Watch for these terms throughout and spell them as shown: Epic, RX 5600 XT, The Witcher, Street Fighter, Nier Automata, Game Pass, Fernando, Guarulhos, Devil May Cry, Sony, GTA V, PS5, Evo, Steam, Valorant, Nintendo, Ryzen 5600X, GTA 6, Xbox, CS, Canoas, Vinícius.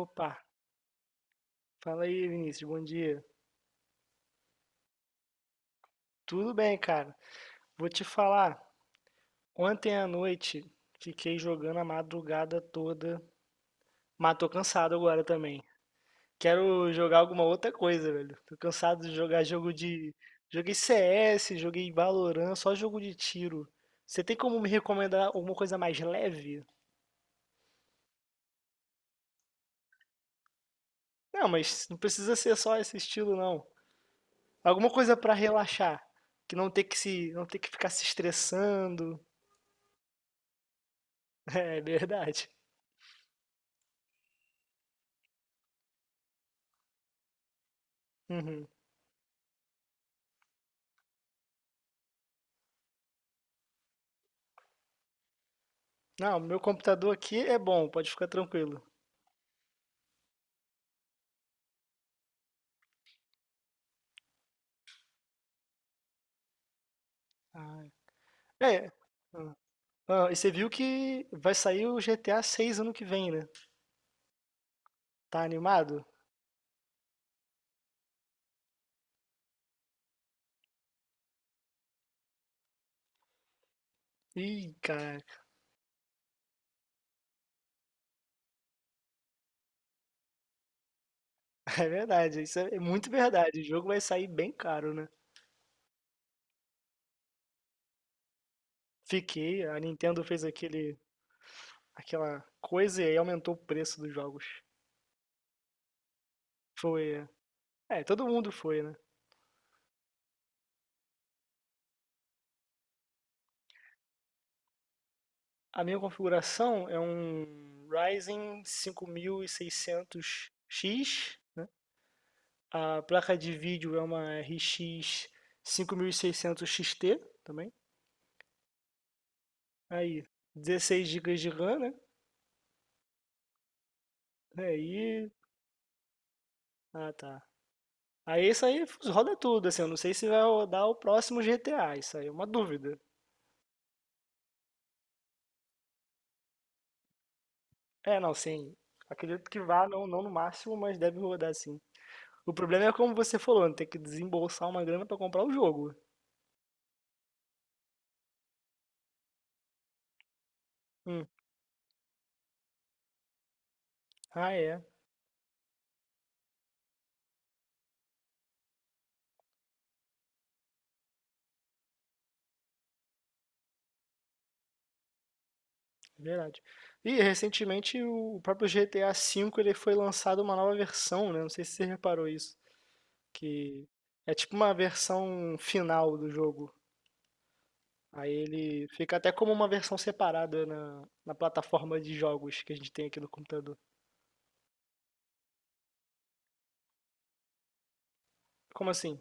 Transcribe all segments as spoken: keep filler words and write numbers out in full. Opa, fala aí, Vinícius, bom dia. Tudo bem, cara? Vou te falar, ontem à noite fiquei jogando a madrugada toda, mas tô cansado agora também. Quero jogar alguma outra coisa, velho. Tô cansado de jogar jogo de. Joguei C S, joguei Valorant, só jogo de tiro. Você tem como me recomendar alguma coisa mais leve? Não, mas não precisa ser só esse estilo, não. Alguma coisa pra relaxar, que não ter que se, não ter que ficar se estressando. É verdade. Uhum. Não, o meu computador aqui é bom, pode ficar tranquilo. Ah, é. Hã. Hã, e você viu que vai sair o G T A seis ano que vem, né? Tá animado? Ih, cara, é verdade, isso é é muito verdade. O jogo vai sair bem caro, né? Fiquei, a Nintendo fez aquele, aquela coisa e aí aumentou o preço dos jogos. Foi, é, todo mundo foi, né? A minha configuração é um Ryzen cinco mil e seiscentos X. A placa de vídeo é uma R X cinco mil e seiscentos X T também. Aí, dezesseis gigas de RAM, né? Aí, ah tá. Aí isso aí roda tudo, assim, eu não sei se vai rodar o próximo G T A, isso aí é uma dúvida. É, não, sim. Acredito que vá, não, não no máximo, mas deve rodar sim. O problema é como você falou, né, tem que desembolsar uma grana pra comprar o jogo. Hum. Ah, é, é verdade. E recentemente o próprio G T A V ele foi lançado uma nova versão, né? Não sei se você reparou isso. Que é tipo uma versão final do jogo. Aí ele fica até como uma versão separada na, na plataforma de jogos que a gente tem aqui no computador. Como assim?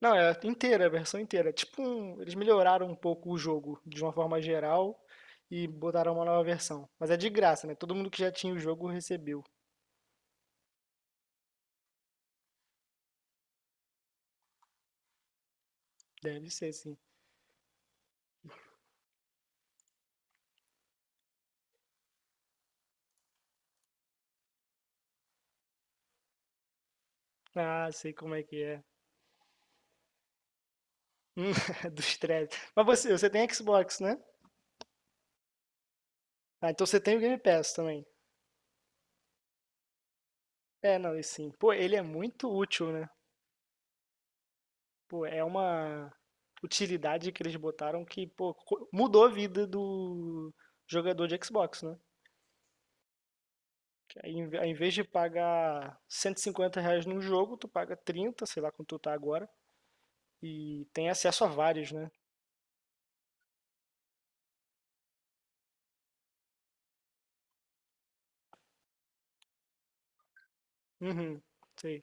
Não, é inteira, a versão inteira. É tipo, um- eles melhoraram um pouco o jogo de uma forma geral e botaram uma nova versão. Mas é de graça, né? Todo mundo que já tinha o jogo recebeu. Deve ser, sim. Ah, sei como é que é. Hum, Do estresse. Mas você, você tem Xbox, né? Ah, então você tem o Game Pass também. É, não, e sim. Pô, ele é muito útil, né? Pô, é uma utilidade que eles botaram que, pô, co- mudou a vida do jogador de Xbox, né? Que aí, em ve- ao invés de pagar cento e cinquenta reais num jogo, tu paga trinta, sei lá quanto tu tá agora, e tem acesso a vários, né? Uhum, sei.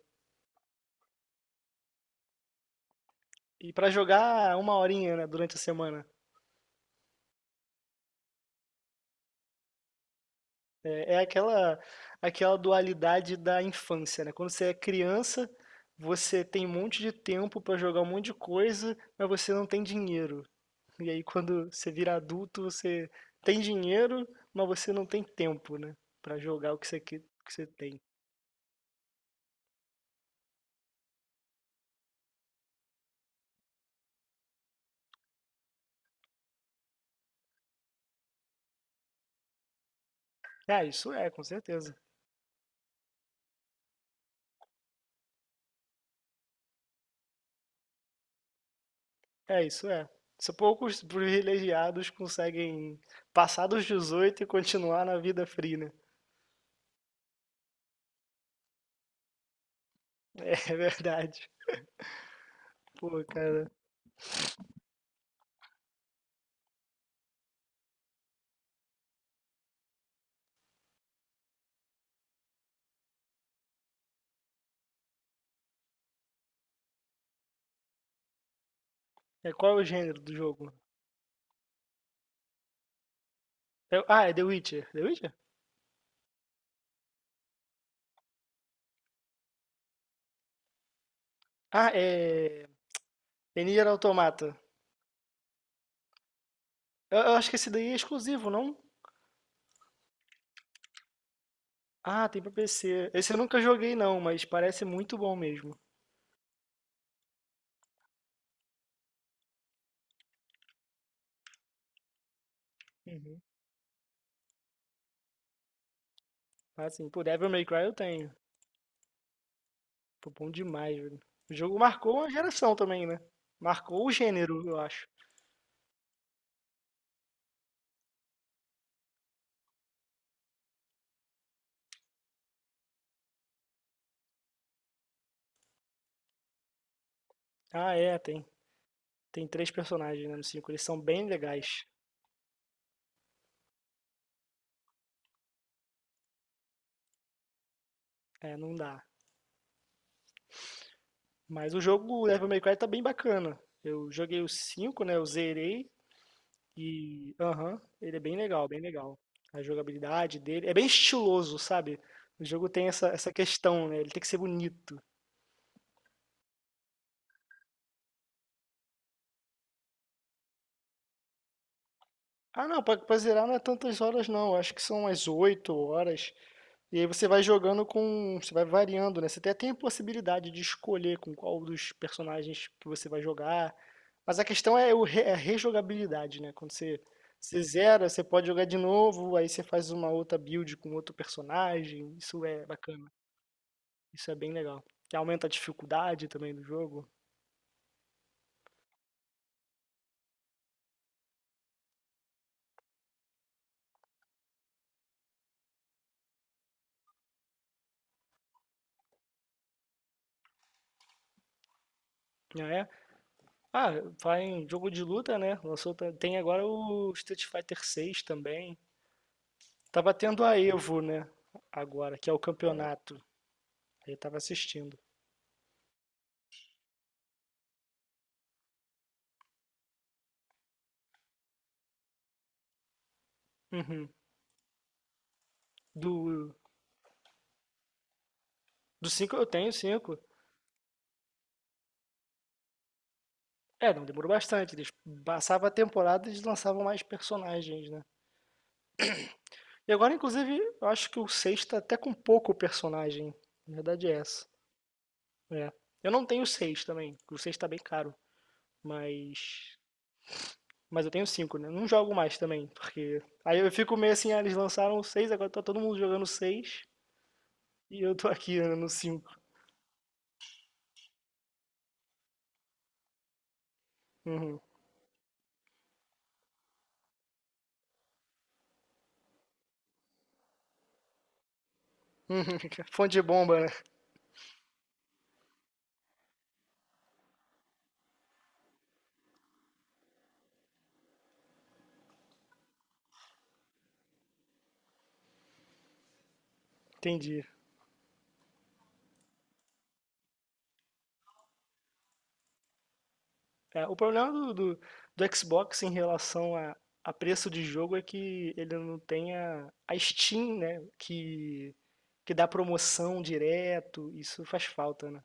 E pra jogar uma horinha, né, durante a semana. É, é aquela, aquela dualidade da infância, né? Quando você é criança, você tem um monte de tempo pra jogar um monte de coisa, mas você não tem dinheiro. E aí, quando você vira adulto, você tem dinheiro, mas você não tem tempo, né? Pra jogar o que você, que, que você tem. É, isso é, com certeza. É, isso é. Só poucos privilegiados conseguem passar dos dezoito e continuar na vida free, né? É verdade. Pô, cara. É, qual é o gênero do jogo? É- ah, é The Witcher. The Witcher? Ah, é. É Nier Automata. Eu, eu acho que esse daí é exclusivo, não? Ah, tem pra P C. Esse eu nunca joguei, não, mas parece muito bom mesmo. Uhum. Assim, pô, Devil May Cry eu tenho. Pô, bom demais, velho. O jogo marcou uma geração também, né? Marcou o gênero, eu acho. Ah, é, tem. Tem três personagens, né, no cinco. Eles são bem legais. É, não dá. Mas o jogo o Devil May Cry tá bem bacana. Eu joguei o cinco, né? Eu zerei. E, aham, ele é bem legal, bem legal. A jogabilidade dele é bem estiloso, sabe? O jogo tem essa, essa questão, né? Ele tem que ser bonito. Ah, não, pra, pra zerar não é tantas horas, não. Acho que são umas oito horas. E aí você vai jogando com, você vai variando, né? Você até tem a possibilidade de escolher com qual dos personagens que você vai jogar. Mas a questão é, o re- é a rejogabilidade, né? Quando você, você zera, você pode jogar de novo, aí você faz uma outra build com outro personagem. Isso é bacana, isso é bem legal. E aumenta a dificuldade também do jogo, né? Ah, vai em jogo de luta, né? Lançou, ta- tem agora o Street Fighter seis também. Tava tendo a Evo, né? Agora, que é o campeonato. Aí eu tava assistindo. Uhum. Do, do cinco eu tenho cinco. É, não demorou bastante. Eles passavam a temporada e eles lançavam mais personagens, né? E agora, inclusive, eu acho que o seis tá até com pouco personagem. Na verdade é essa. É. Eu não tenho seis também, porque o seis tá bem caro. Mas. Mas eu tenho cinco, né? Não jogo mais também, porque. Aí eu fico meio assim, ah, eles lançaram o seis, agora tá todo mundo jogando o seis. E eu tô aqui, né, no cinco. Uhum. Fonte de bomba, né? Entendi. É, o problema do, do, do Xbox em relação a, a preço de jogo é que ele não tem a, a Steam, né? Que, que dá promoção direto. Isso faz falta, né?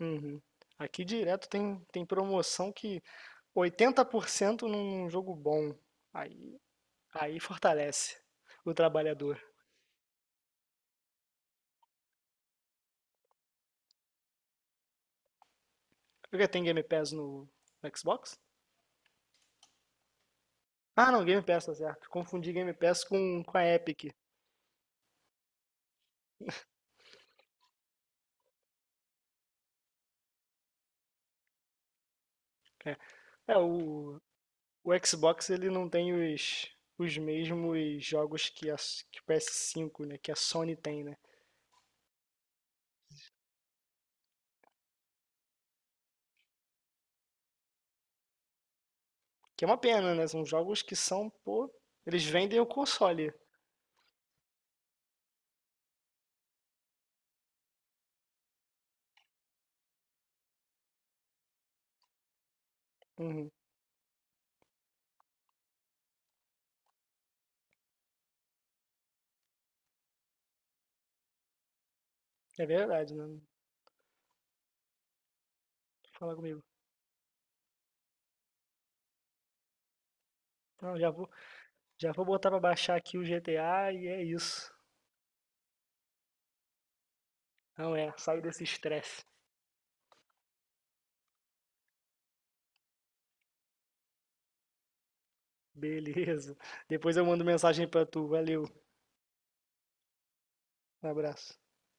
Uhum. Aqui direto tem, tem promoção que oitenta por cento num jogo bom. Aí, aí fortalece o trabalhador. Porque tem Game Pass no, no Xbox? Ah, não, Game Pass, tá certo. Confundi Game Pass com, com a Epic. É, é o, O Xbox ele não tem os, os mesmos jogos que, a, que o P S cinco, né? Que a Sony tem, né? Que é uma pena, né? São jogos que são, pô, eles vendem o console. Uhum. É verdade, né? Fala comigo. Não, já vou, já vou botar pra baixar aqui o G T A e é isso. Não é, sai desse estresse. Beleza. Depois eu mando mensagem pra tu. Valeu. Um abraço.